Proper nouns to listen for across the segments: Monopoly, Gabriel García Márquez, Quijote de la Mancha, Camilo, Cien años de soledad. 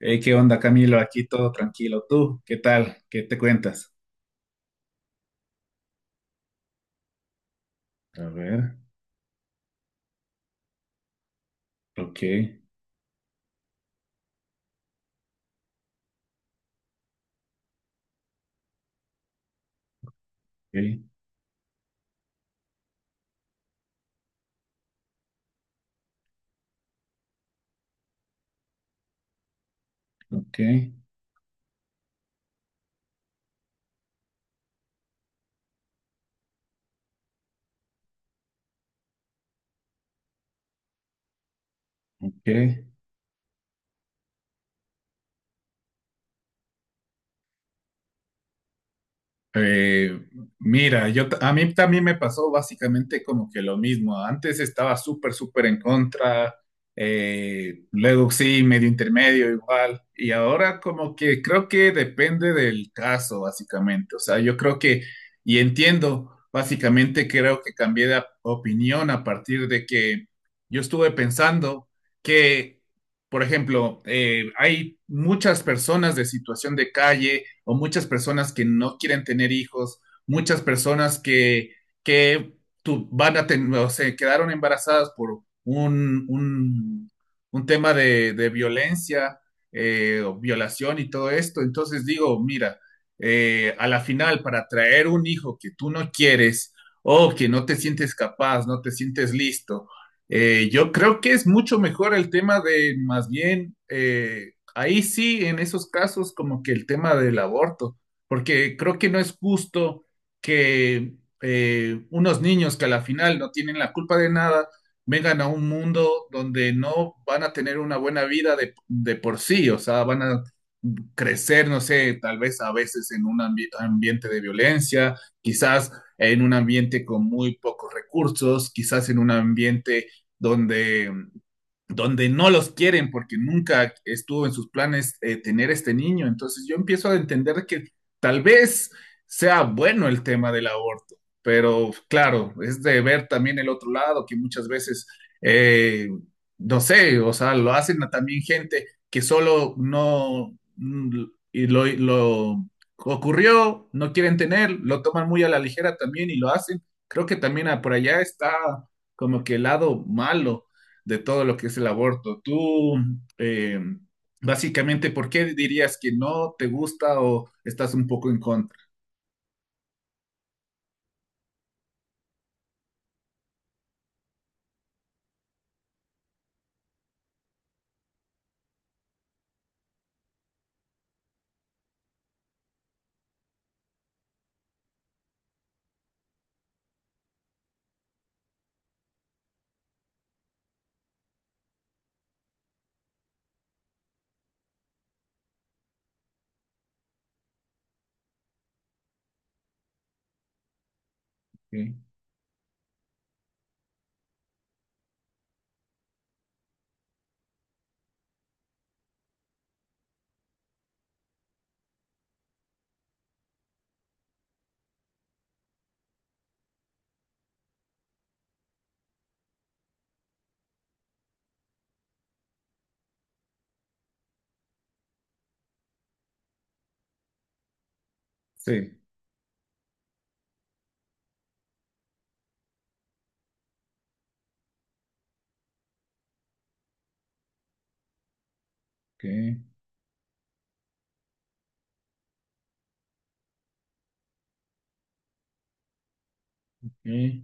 Hey, ¿qué onda, Camilo? Aquí todo tranquilo. ¿Tú qué tal? ¿Qué te cuentas? A ver, ok, ok, ok, ok. Eh, mira, yo, a mí también me pasó básicamente como que lo mismo. Antes estaba súper en contra, luego sí, medio intermedio igual, y ahora como que creo que depende del caso, básicamente. O sea, yo creo que, y entiendo, básicamente creo que cambié de opinión a partir de que yo estuve pensando que, por ejemplo, hay muchas personas de situación de calle o muchas personas que no quieren tener hijos, muchas personas que van a o se quedaron embarazadas por un tema de violencia o violación y todo esto. Entonces digo, mira, a la final, para traer un hijo que tú no quieres o que no te sientes capaz, no te sientes listo, yo creo que es mucho mejor el tema de más bien. Ahí sí, en esos casos, como que el tema del aborto, porque creo que no es justo que unos niños que a la final no tienen la culpa de nada vengan a un mundo donde no van a tener una buena vida de por sí. O sea, van a crecer, no sé, tal vez a veces en un ambiente de violencia, quizás en un ambiente con muy pocos recursos, quizás en un ambiente donde donde no los quieren porque nunca estuvo en sus planes tener este niño. Entonces yo empiezo a entender que tal vez sea bueno el tema del aborto, pero claro, es de ver también el otro lado que muchas veces, eh, no sé, o sea, lo hacen a también gente que solo no y lo ocurrió, no quieren tener, lo toman muy a la ligera también y lo hacen. Creo que también ah, por allá está como que el lado malo de todo lo que es el aborto. Tú, eh, básicamente, ¿por qué dirías que no te gusta o estás un poco en contra? ¿Qué? Sí, ¿qué? ¿Qué?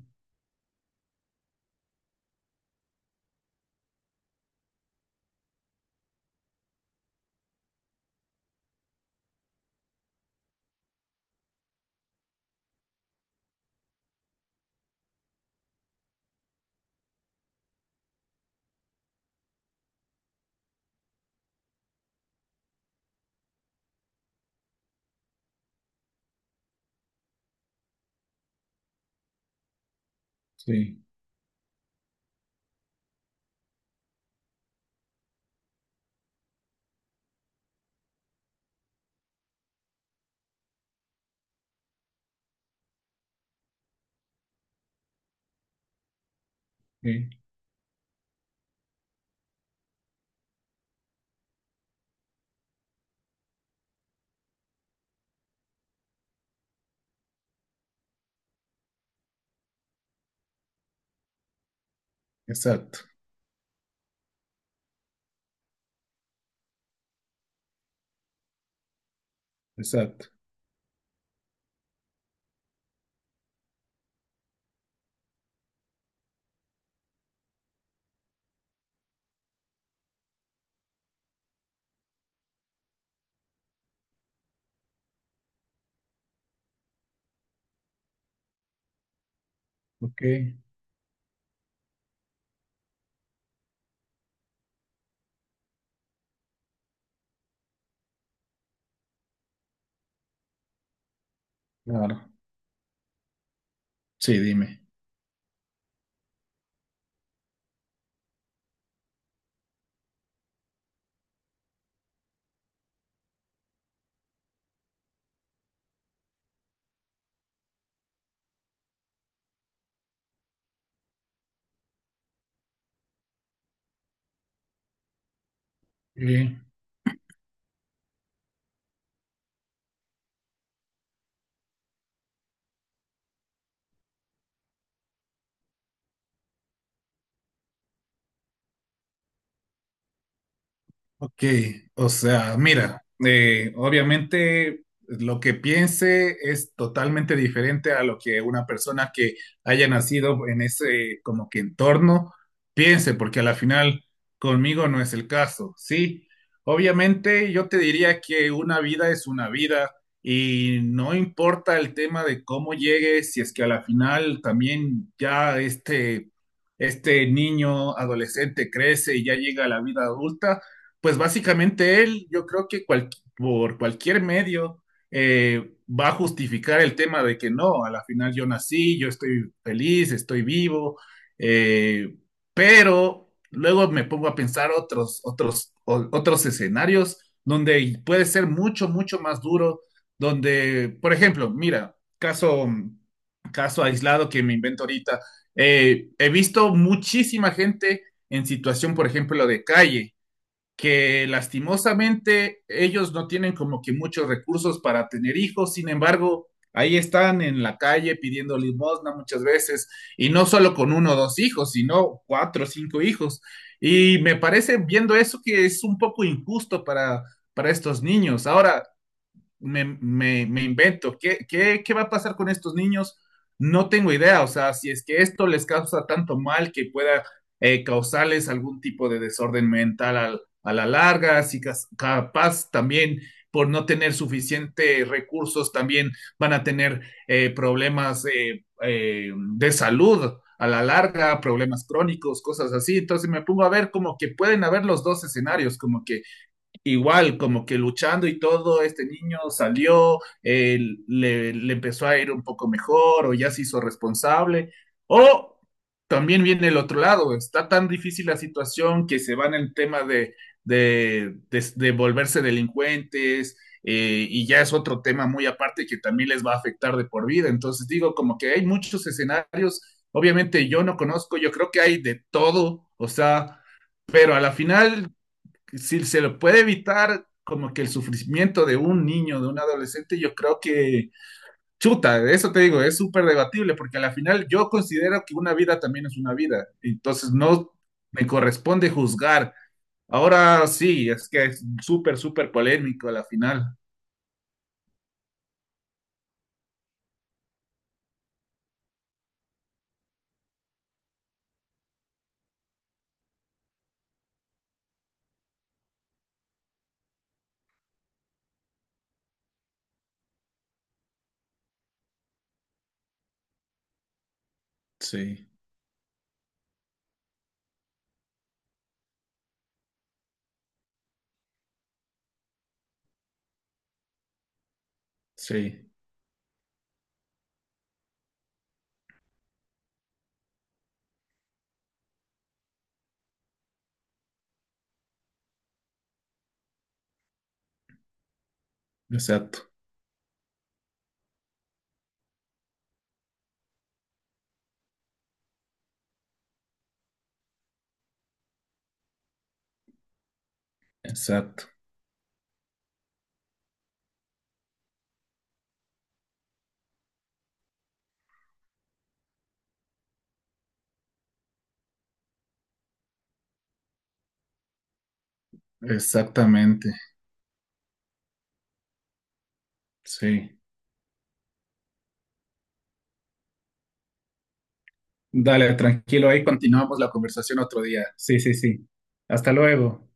Sí, ¿qué? Exacto, exacto, ok, claro, sí, dime. ¿Qué? Ok, o sea, mira, obviamente lo que piense es totalmente diferente a lo que una persona que haya nacido en ese como que entorno piense, porque a la final conmigo no es el caso, ¿sí? Obviamente yo te diría que una vida es una vida y no importa el tema de cómo llegue, si es que a la final también ya este niño adolescente crece y ya llega a la vida adulta. Pues básicamente él, yo creo que por cualquier medio va a justificar el tema de que no, a la final yo nací, yo estoy feliz, estoy vivo, eh, pero luego me pongo a pensar otros escenarios donde puede ser mucho más duro, donde, por ejemplo, mira, caso aislado que me invento ahorita, he visto muchísima gente en situación, por ejemplo, de calle que lastimosamente ellos no tienen como que muchos recursos para tener hijos. Sin embargo, ahí están en la calle pidiendo limosna muchas veces, y no solo con uno o dos hijos, sino cuatro o cinco hijos. Y me parece, viendo eso, que es un poco injusto para estos niños. Ahora, me invento, ¿qué va a pasar con estos niños? No tengo idea. O sea, si es que esto les causa tanto mal que pueda causarles algún tipo de desorden mental al, a la larga, si capaz también por no tener suficientes recursos también van a tener problemas de salud a la larga, problemas crónicos, cosas así. Entonces me pongo a ver como que pueden haber los dos escenarios, como que igual, como que luchando y todo, este niño salió, le empezó a ir un poco mejor o ya se hizo responsable. O también viene el otro lado, está tan difícil la situación que se van en el tema de volverse delincuentes y ya es otro tema muy aparte que también les va a afectar de por vida. Entonces digo, como que hay muchos escenarios, obviamente yo no conozco, yo creo que hay de todo, o sea... Pero a la final, si se lo puede evitar como que el sufrimiento de un niño, de un adolescente, yo creo que, chuta, eso te digo, es súper debatible, porque al final yo considero que una vida también es una vida, entonces no me corresponde juzgar. Ahora sí, es que es súper polémico a la final. Sí, sí, exacto, exacto, exactamente, sí. Dale, tranquilo, ahí continuamos la conversación otro día. Sí, sí, sí. Hasta luego.